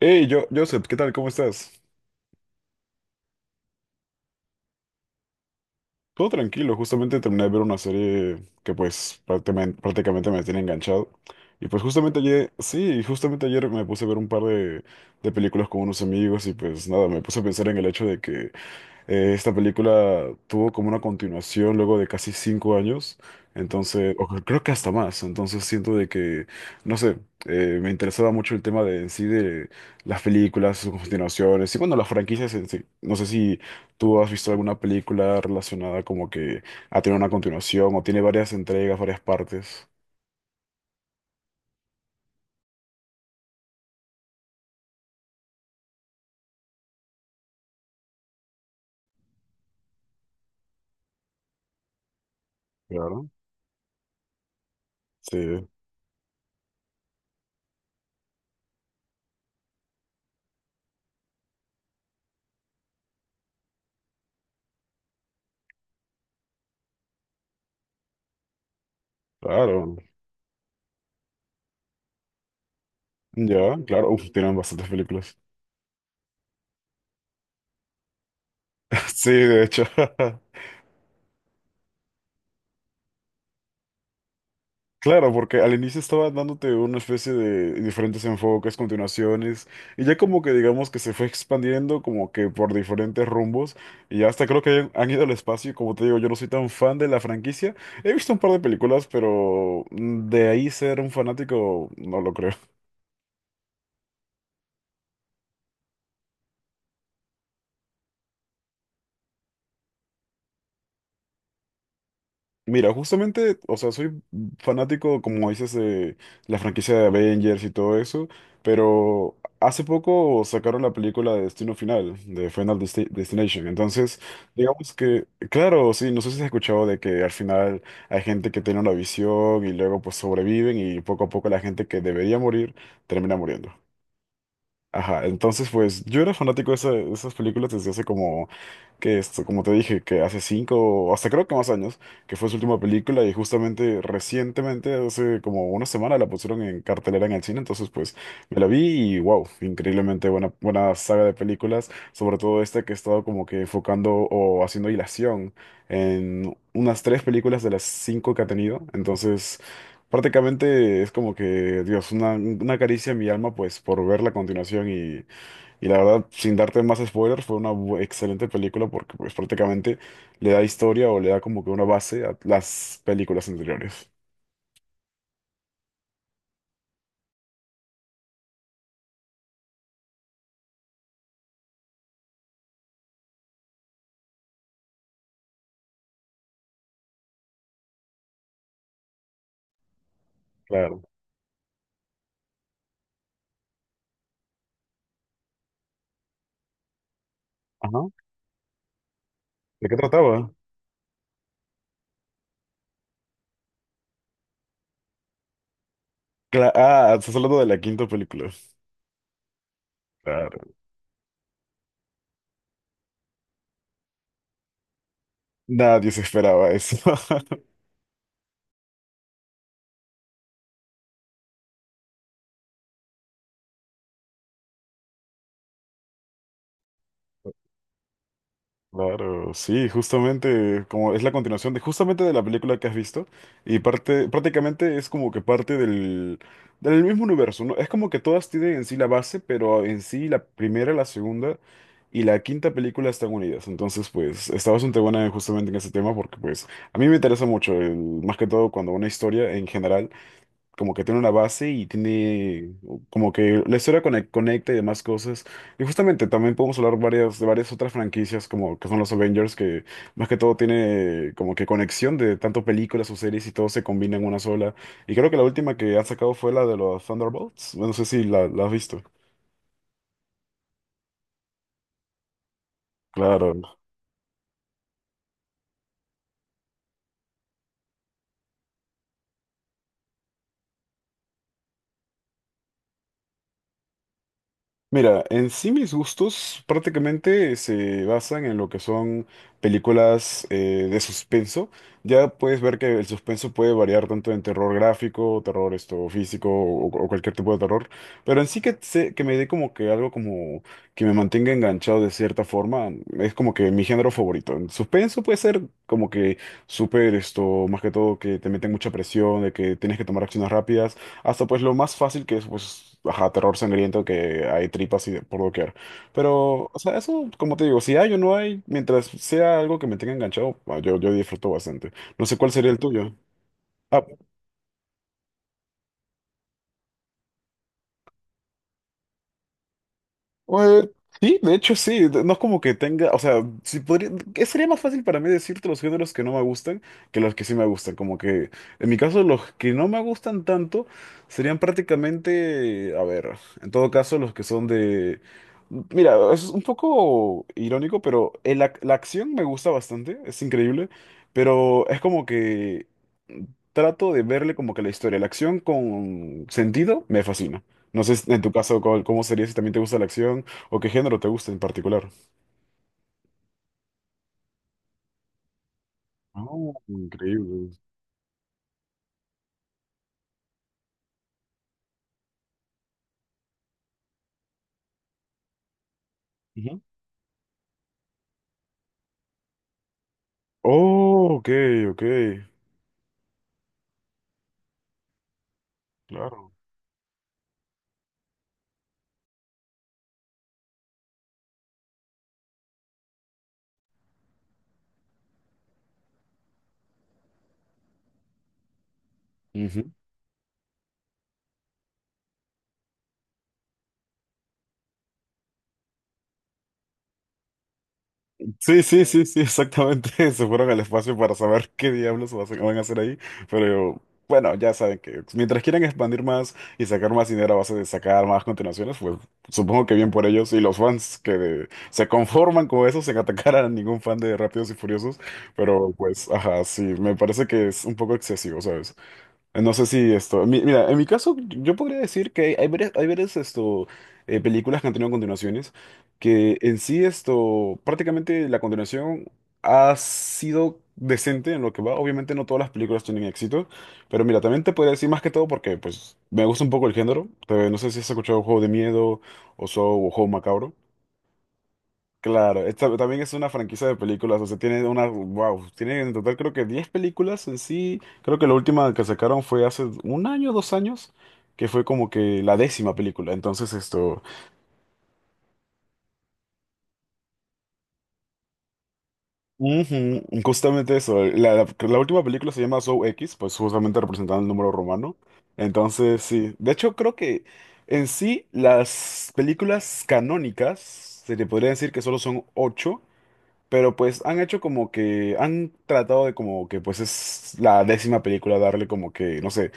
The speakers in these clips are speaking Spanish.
Hey, yo, Joseph, ¿qué tal? ¿Cómo estás? Todo tranquilo, justamente terminé de ver una serie que pues prácticamente me tiene enganchado. Y pues justamente ayer, sí, justamente ayer me puse a ver un par de películas con unos amigos y pues nada, me puse a pensar en el hecho de que esta película tuvo como una continuación luego de casi 5 años. Entonces, o creo que hasta más, entonces siento de que, no sé, me interesaba mucho el tema de en sí de las películas, sus continuaciones y bueno, las franquicias en sí. No sé si ¿tú has visto alguna película relacionada como que ha tenido una continuación o tiene varias entregas, varias partes? Claro. Sí, claro. Ya, claro. Uf, tienen bastantes películas. Sí, de hecho. Claro, porque al inicio estaba dándote una especie de diferentes enfoques, continuaciones, y ya como que digamos que se fue expandiendo como que por diferentes rumbos, y ya hasta creo que han ido al espacio, y como te digo, yo no soy tan fan de la franquicia, he visto un par de películas, pero de ahí ser un fanático, no lo creo. Mira, justamente, o sea, soy fanático, como dices, de la franquicia de Avengers y todo eso, pero hace poco sacaron la película de Destino Final, de Final Destination. Entonces, digamos que, claro, sí, no sé si has escuchado de que al final hay gente que tiene una visión y luego pues sobreviven y poco a poco la gente que debería morir termina muriendo. Ajá, entonces pues yo era fanático de esas películas desde hace como que esto, como te dije, que hace 5 o hasta creo que más años, que fue su última película y justamente recientemente, hace como una semana, la pusieron en cartelera en el cine. Entonces pues me la vi y wow, increíblemente buena, buena saga de películas, sobre todo esta que he estado como que enfocando o haciendo hilación en unas tres películas de las cinco que ha tenido, entonces... Prácticamente es como que, Dios, una caricia en mi alma, pues, por ver la continuación y la verdad, sin darte más spoilers, fue una excelente película porque pues prácticamente le da historia o le da como que una base a las películas anteriores. Claro. Ajá. ¿De qué trataba? Ah, estás hablando de la quinta película. Claro. Nadie se esperaba eso. Claro, sí, justamente como es la continuación de justamente de la película que has visto y parte prácticamente es como que parte del mismo universo, ¿no? Es como que todas tienen en sí la base, pero en sí la primera, la segunda y la quinta película están unidas. Entonces, pues está bastante buena justamente en ese tema porque pues a mí me interesa mucho más que todo cuando una historia en general como que tiene una base y tiene como que la historia conecta y demás cosas. Y justamente también podemos hablar varias, de varias otras franquicias como que son los Avengers, que más que todo tiene como que conexión de tanto películas o series y todo se combina en una sola. Y creo que la última que han sacado fue la de los Thunderbolts. No sé si la has visto. Claro. Mira, en sí mis gustos prácticamente se basan en lo que son películas de suspenso. Ya puedes ver que el suspenso puede variar tanto en terror gráfico, terror esto físico o cualquier tipo de terror. Pero en sí que, que me dé como que algo como que me mantenga enganchado de cierta forma es como que mi género favorito. En suspenso puede ser como que súper esto, más que todo que te meten mucha presión, de que tienes que tomar acciones rápidas. Hasta pues lo más fácil que es, pues, ajá, terror sangriento, que hay tripas y por doquier. Pero, o sea, eso, como te digo, si hay o no hay, mientras sea algo que me tenga enganchado, ah, yo disfruto bastante. No sé cuál sería el tuyo. Ah, Eh, sí, de hecho sí, no es como que tenga, o sea, si podría, que sería más fácil para mí decirte los géneros que no me gustan que los que sí me gustan, como que en mi caso los que no me gustan tanto serían prácticamente, a ver, en todo caso los que son de, mira, es un poco irónico, pero la acción me gusta bastante, es increíble, pero es como que trato de verle como que la historia, la acción con sentido me fascina. No sé si en tu caso cómo sería si también te gusta la acción o qué género te gusta en particular. Oh, increíble. Ujú. Oh, ok, ok, claro. Sí, sí, sí, sí, exactamente. Se fueron al espacio para saber qué diablos van a hacer ahí. Pero bueno, ya saben que mientras quieran expandir más y sacar más dinero a base de sacar más continuaciones, pues supongo que bien por ellos y los fans que se conforman con eso sin atacar a ningún fan de Rápidos y Furiosos. Pero pues, ajá, sí, me parece que es un poco excesivo, ¿sabes? No sé si esto. Mira, en mi caso, yo podría decir que hay varias, esto, películas que han tenido continuaciones, que en sí esto, prácticamente la continuación ha sido decente en lo que va. Obviamente no todas las películas tienen éxito, pero mira, también te podría decir más que todo porque pues me gusta un poco el género. No sé si has escuchado Juego de Miedo o Saw o Juego Macabro. Claro, esta también es una franquicia de películas, o sea, tiene una, wow, tiene en total creo que 10 películas en sí, creo que la última que sacaron fue hace un año, 2 años, que fue como que la décima película, entonces esto, ujú, justamente eso, la última película se llama Zoe X, pues justamente representando el número romano. Entonces sí, de hecho creo que en sí las películas canónicas, se le podría decir que solo son ocho. Pero pues han hecho como que, han tratado de como que pues es la décima película darle como que, no sé,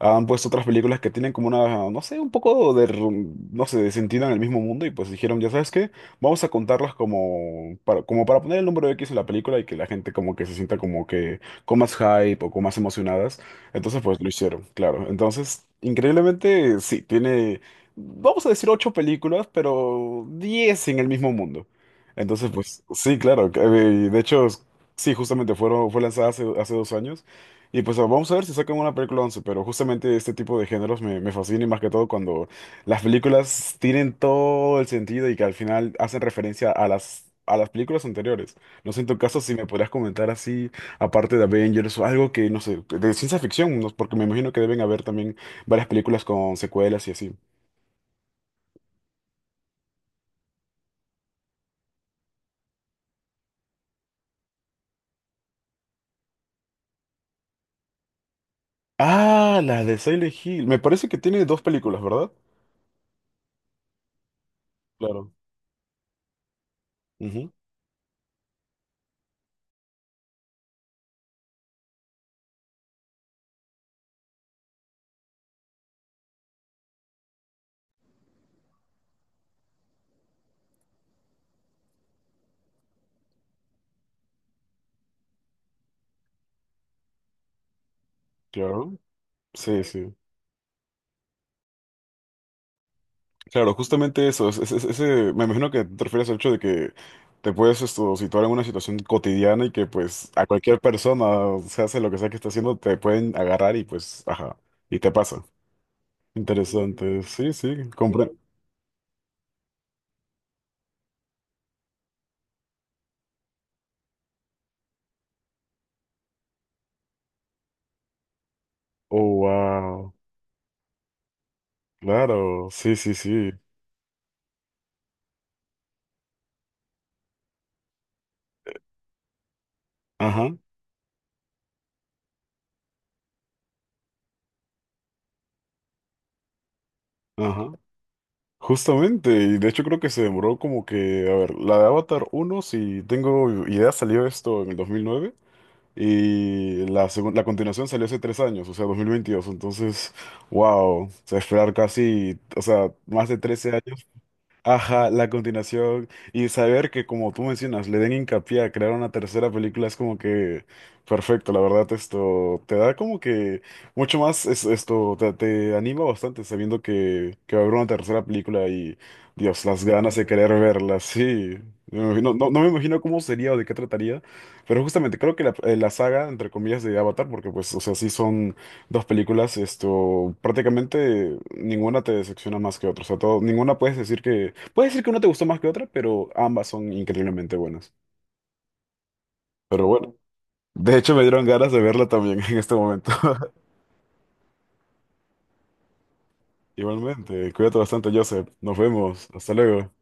han puesto otras películas que tienen como una, no sé, un poco de, no sé, de sentido en el mismo mundo y pues dijeron, ya sabes qué, vamos a contarlas como para poner el número X en la película y que la gente como que se sienta como que con más hype o con más emocionadas. Entonces pues lo hicieron, claro. Entonces, increíblemente, sí, tiene, vamos a decir ocho películas, pero 10 en el mismo mundo. Entonces pues sí, claro. De hecho, sí, justamente fue lanzada hace 2 años. Y pues vamos a ver si sacan una película 11 pero justamente este tipo de géneros me fascina y más que todo cuando las películas tienen todo el sentido y que al final hacen referencia a las películas anteriores. No sé en tu caso si me podrías comentar así, aparte de Avengers o algo que, no sé, de ciencia ficción, porque me imagino que deben haber también varias películas con secuelas y así. Ah, la de Silent Hill. Me parece que tiene dos películas, ¿verdad? Claro. Ujú, claro. Sí, sí. Claro, justamente eso, ese, me imagino que te refieres al hecho de que te puedes esto, situar en una situación cotidiana y que pues a cualquier persona, o sea, hace lo que sea que esté haciendo, te pueden agarrar y pues, ajá, y te pasa. Interesante, sí, sí, comprendo. Oh, wow, claro, sí, sí, sí, ajá, ajá. Justamente, y de hecho creo que se demoró como que, a ver, la de Avatar uno si tengo idea, salió esto en el 2009. Y la continuación salió hace 3 años, o sea, 2022. Entonces, wow, o sea, esperar casi, o sea, más de 13 años. Ajá, la continuación y saber que como tú mencionas, le den hincapié a crear una tercera película es como que perfecto, la verdad esto te da como que mucho más, esto te, anima bastante sabiendo que va a haber una tercera película y Dios, las ganas de querer verla, sí. No, no me imagino cómo sería o de qué trataría, pero justamente creo que la saga, entre comillas, de Avatar, porque pues, o sea, sí son dos películas, esto, prácticamente ninguna te decepciona más que otra. O sea, todo, ninguna puedes decir que una te gustó más que otra, pero ambas son increíblemente buenas. Pero bueno, de hecho me dieron ganas de verla también en este momento. Igualmente, cuídate bastante, Joseph. Nos vemos. Hasta luego.